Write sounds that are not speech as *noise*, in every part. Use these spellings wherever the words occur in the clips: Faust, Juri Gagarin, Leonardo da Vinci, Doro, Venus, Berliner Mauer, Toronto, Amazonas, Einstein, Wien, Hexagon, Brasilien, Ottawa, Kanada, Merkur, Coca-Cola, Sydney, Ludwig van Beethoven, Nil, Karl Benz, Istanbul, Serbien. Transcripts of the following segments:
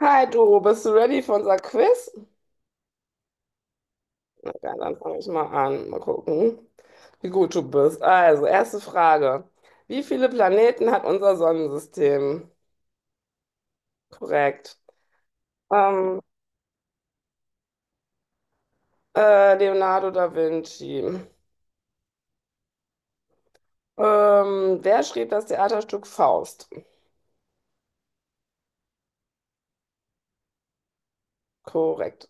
Hi Doro, bist du ready für unser Quiz? Na geil, dann fange ich mal an. Mal gucken, wie gut du bist. Also, erste Frage. Wie viele Planeten hat unser Sonnensystem? Korrekt. Ähm, Leonardo da Vinci. Wer schrieb das Theaterstück Faust? Korrekt.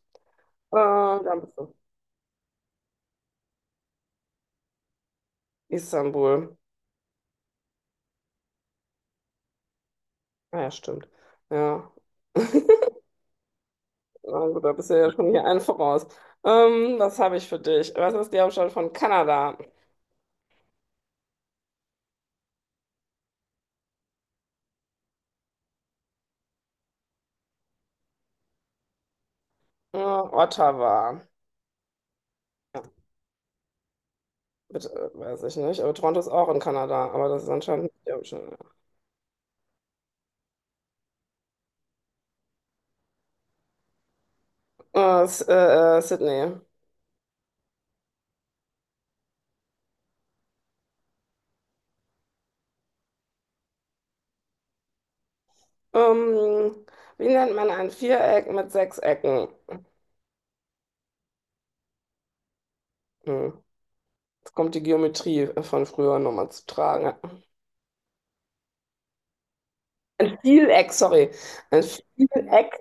Äh, dann bist du. Istanbul. Ah ja, stimmt. Ja. *laughs* Na gut, da bist du ja schon hier einen voraus. Was habe ich für dich? Was ist die Hauptstadt von Kanada? Ja, Ottawa. Bitte, weiß ich nicht. Aber Toronto ist auch in Kanada, aber das ist anscheinend nicht der Ocean. Sydney. Ähm, wie nennt man ein Viereck mit sechs Ecken? Hm. Jetzt kommt die Geometrie von früher nochmal zu tragen. Ein Vieleck, sorry. Ein Vieleck,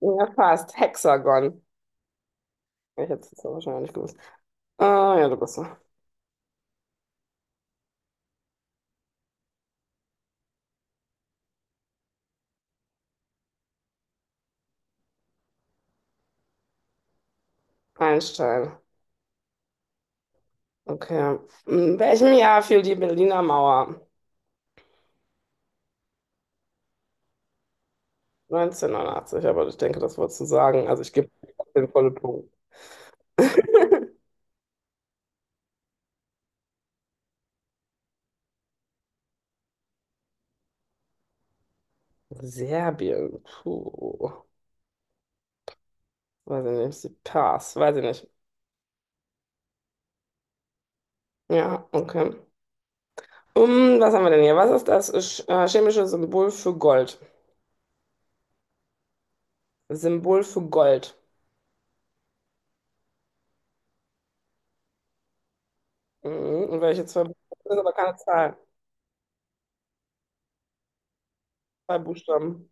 ja fast. Hexagon. Ich hätte es jetzt wahrscheinlich gewusst. Ah, ja, du bist so. Einstein. Okay. In welchem Jahr fiel die Berliner Mauer? 1989, aber ich denke, das wolltest du sagen. Also ich gebe den vollen Punkt. *laughs* Serbien, puh, weiß ich nicht, sie Pass, weiß ich nicht. Ja, okay. Um, was haben wir denn hier? Was ist das chemische Symbol für Gold? Symbol für Gold. Mhm. Und welche zwei Buchstaben sind aber keine Zahl? Zwei Buchstaben.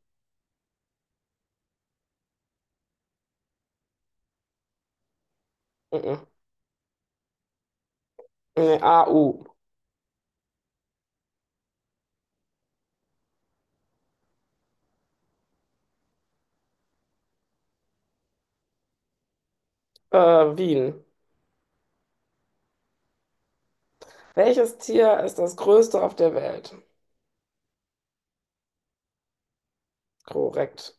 Mhm. Nee, AU. Wien. Welches Tier ist das größte auf der Welt? Korrekt.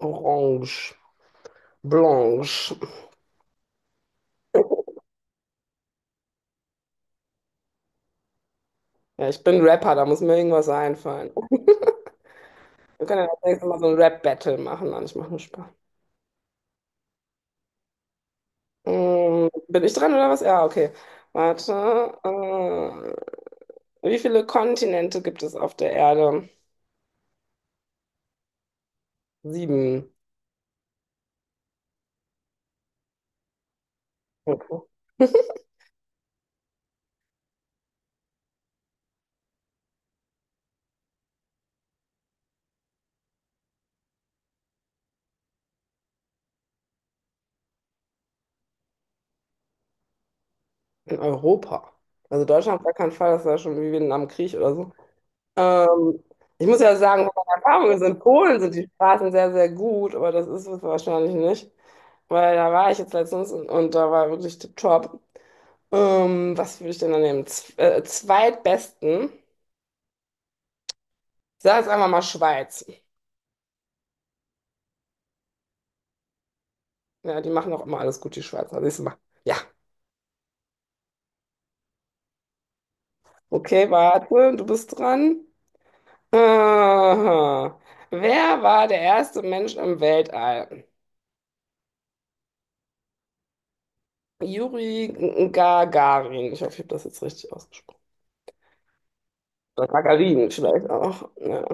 Orange. Blanche. Ja, ich bin Rapper, da muss mir irgendwas einfallen. Oh, wir können ja das nächste Mal so ein Rap-Battle machen. Nein, ich mache nur Spaß. Mm, bin ich dran oder was? Ja, okay. Warte. Äh, wie viele Kontinente gibt es auf der Erde? Sieben. *laughs* Okay. In Europa. Also Deutschland auf gar keinen Fall, das war schon wie Vietnam am Krieg oder so. Ähm, ich muss ja sagen, von meiner Erfahrung ist, in Polen sind die Straßen sehr, sehr gut, aber das ist es wahrscheinlich nicht. Weil da war ich jetzt letztens und da war wirklich tipptopp. Was würde ich denn da nehmen? Z Zweitbesten. Ich sage jetzt einfach mal Schweiz. Ja, die machen auch immer alles gut, die Schweizer. Siehst du mal. Ja. Okay, warte, du bist dran. Aha. Wer war der erste Mensch im Weltall? Gagarin. Ich hoffe, ich habe das jetzt richtig ausgesprochen. Oder Gagarin vielleicht auch. Ja,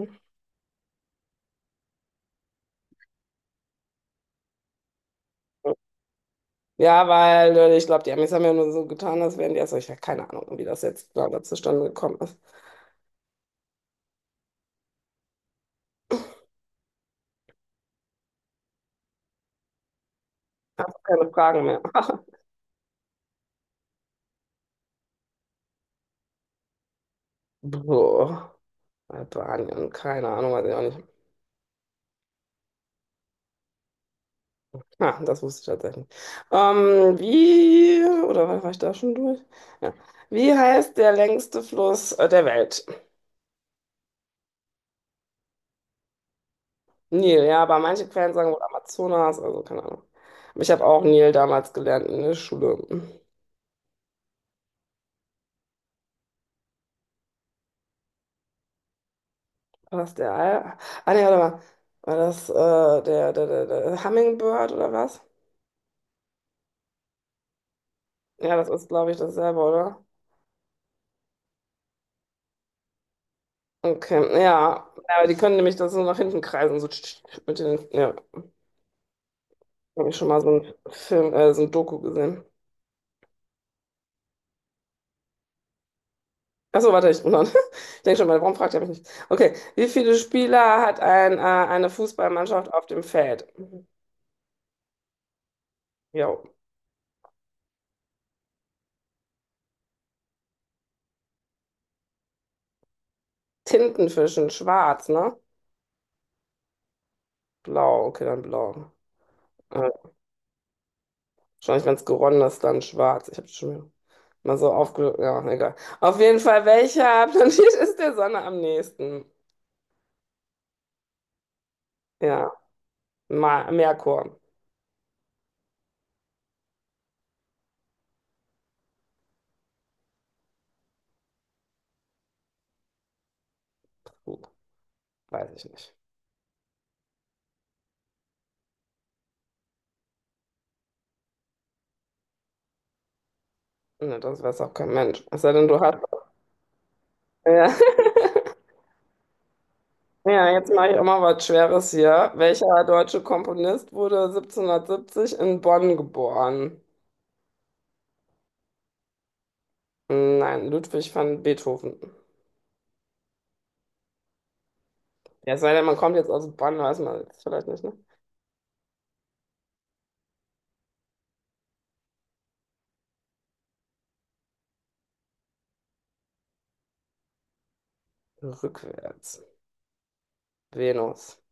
ja weil ich glaube, die Amis haben ja nur so getan, als wären die erst. Ich habe keine Ahnung, wie das jetzt da zustande gekommen ist. Keine Fragen mehr. *laughs* Boah. Albanien, keine Ahnung, weiß ich auch nicht. Ah, das wusste ich tatsächlich. Wie, oder war ich da schon durch? Ja. Wie heißt der längste Fluss der Welt? Nil, ja, aber manche Quellen sagen wohl Amazonas, also keine Ahnung. Aber ich habe auch Nil damals gelernt in der Schule. War das der Al? Ah, nee, warte mal. War das der Hummingbird oder was? Ja, das ist, glaube ich, dasselbe, oder? Okay, ja. Ja, aber die können nämlich das so nach hinten kreisen, so tsch, tsch, tsch, mit den, ja. Habe ich schon mal so einen Film, so ein Doku gesehen. Achso, warte, ich, *laughs* ich denke schon mal, warum fragt ihr mich nicht? Okay, wie viele Spieler hat eine Fußballmannschaft auf dem Feld? Jo. Tintenfischen, schwarz, ne? Blau, okay, dann blau. Äh, wahrscheinlich, wenn es geronnen ist, dann schwarz. Ich habe schon mal so aufge... Ja, egal. Auf jeden Fall, welcher *laughs* Planet ist der Sonne am nächsten? Ja, Ma Merkur. Gut, weiß ich nicht. Ne, das weiß auch kein Mensch. Es sei denn, du hast... Ja. *laughs* Ja, jetzt mache ich auch mal was Schweres hier. Welcher deutsche Komponist wurde 1770 in Bonn geboren? Nein, Ludwig van Beethoven. Ja, es sei denn, man kommt jetzt aus Bonn, weiß man jetzt vielleicht nicht, ne? Rückwärts. Venus.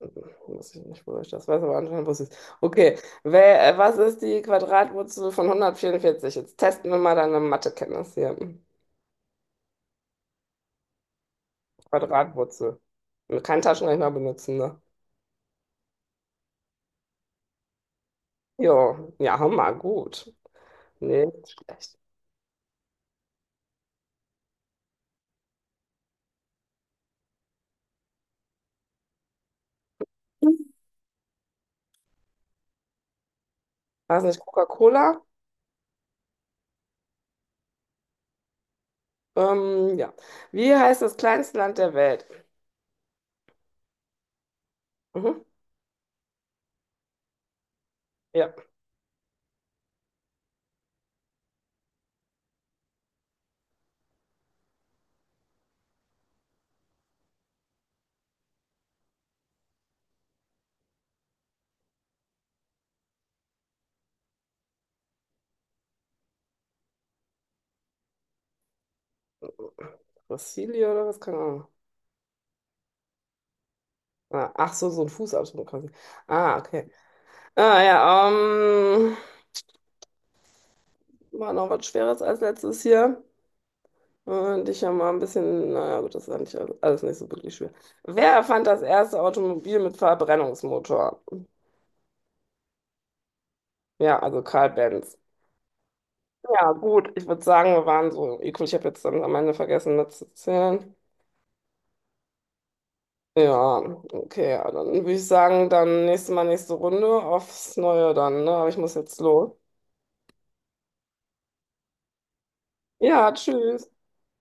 Hm, weiß ich nicht, wo ich das weiß, aber anscheinend wusste ich es. Okay, Wer, was ist die Quadratwurzel von 144? Jetzt testen wir mal deine Mathekenntnis hier. Quadratwurzel. Kein Taschenrechner benutzen, ne? Jo, ja, hammer, gut. Nicht schlecht. War es nicht Coca-Cola? Ja. Wie heißt das kleinste Land der Welt? Mhm. Ja. Brasilien oder was? Keine Ahnung. Ah, ach so, so ein Fußabdruck quasi. Ah, okay. Ah, ja, war noch was Schweres als letztes hier. Und ich habe mal ein bisschen, naja, gut, das ist eigentlich alles nicht so wirklich schwer. Wer erfand das erste Automobil mit Verbrennungsmotor? Ja, also Karl Benz. Ja, gut, ich würde sagen, wir waren so equal. Ich habe jetzt dann am Ende vergessen mitzuzählen. Ja, okay, ja, dann würde ich sagen, dann nächstes Mal nächste Runde aufs Neue dann, ne? Aber ich muss jetzt los. Ja, tschüss.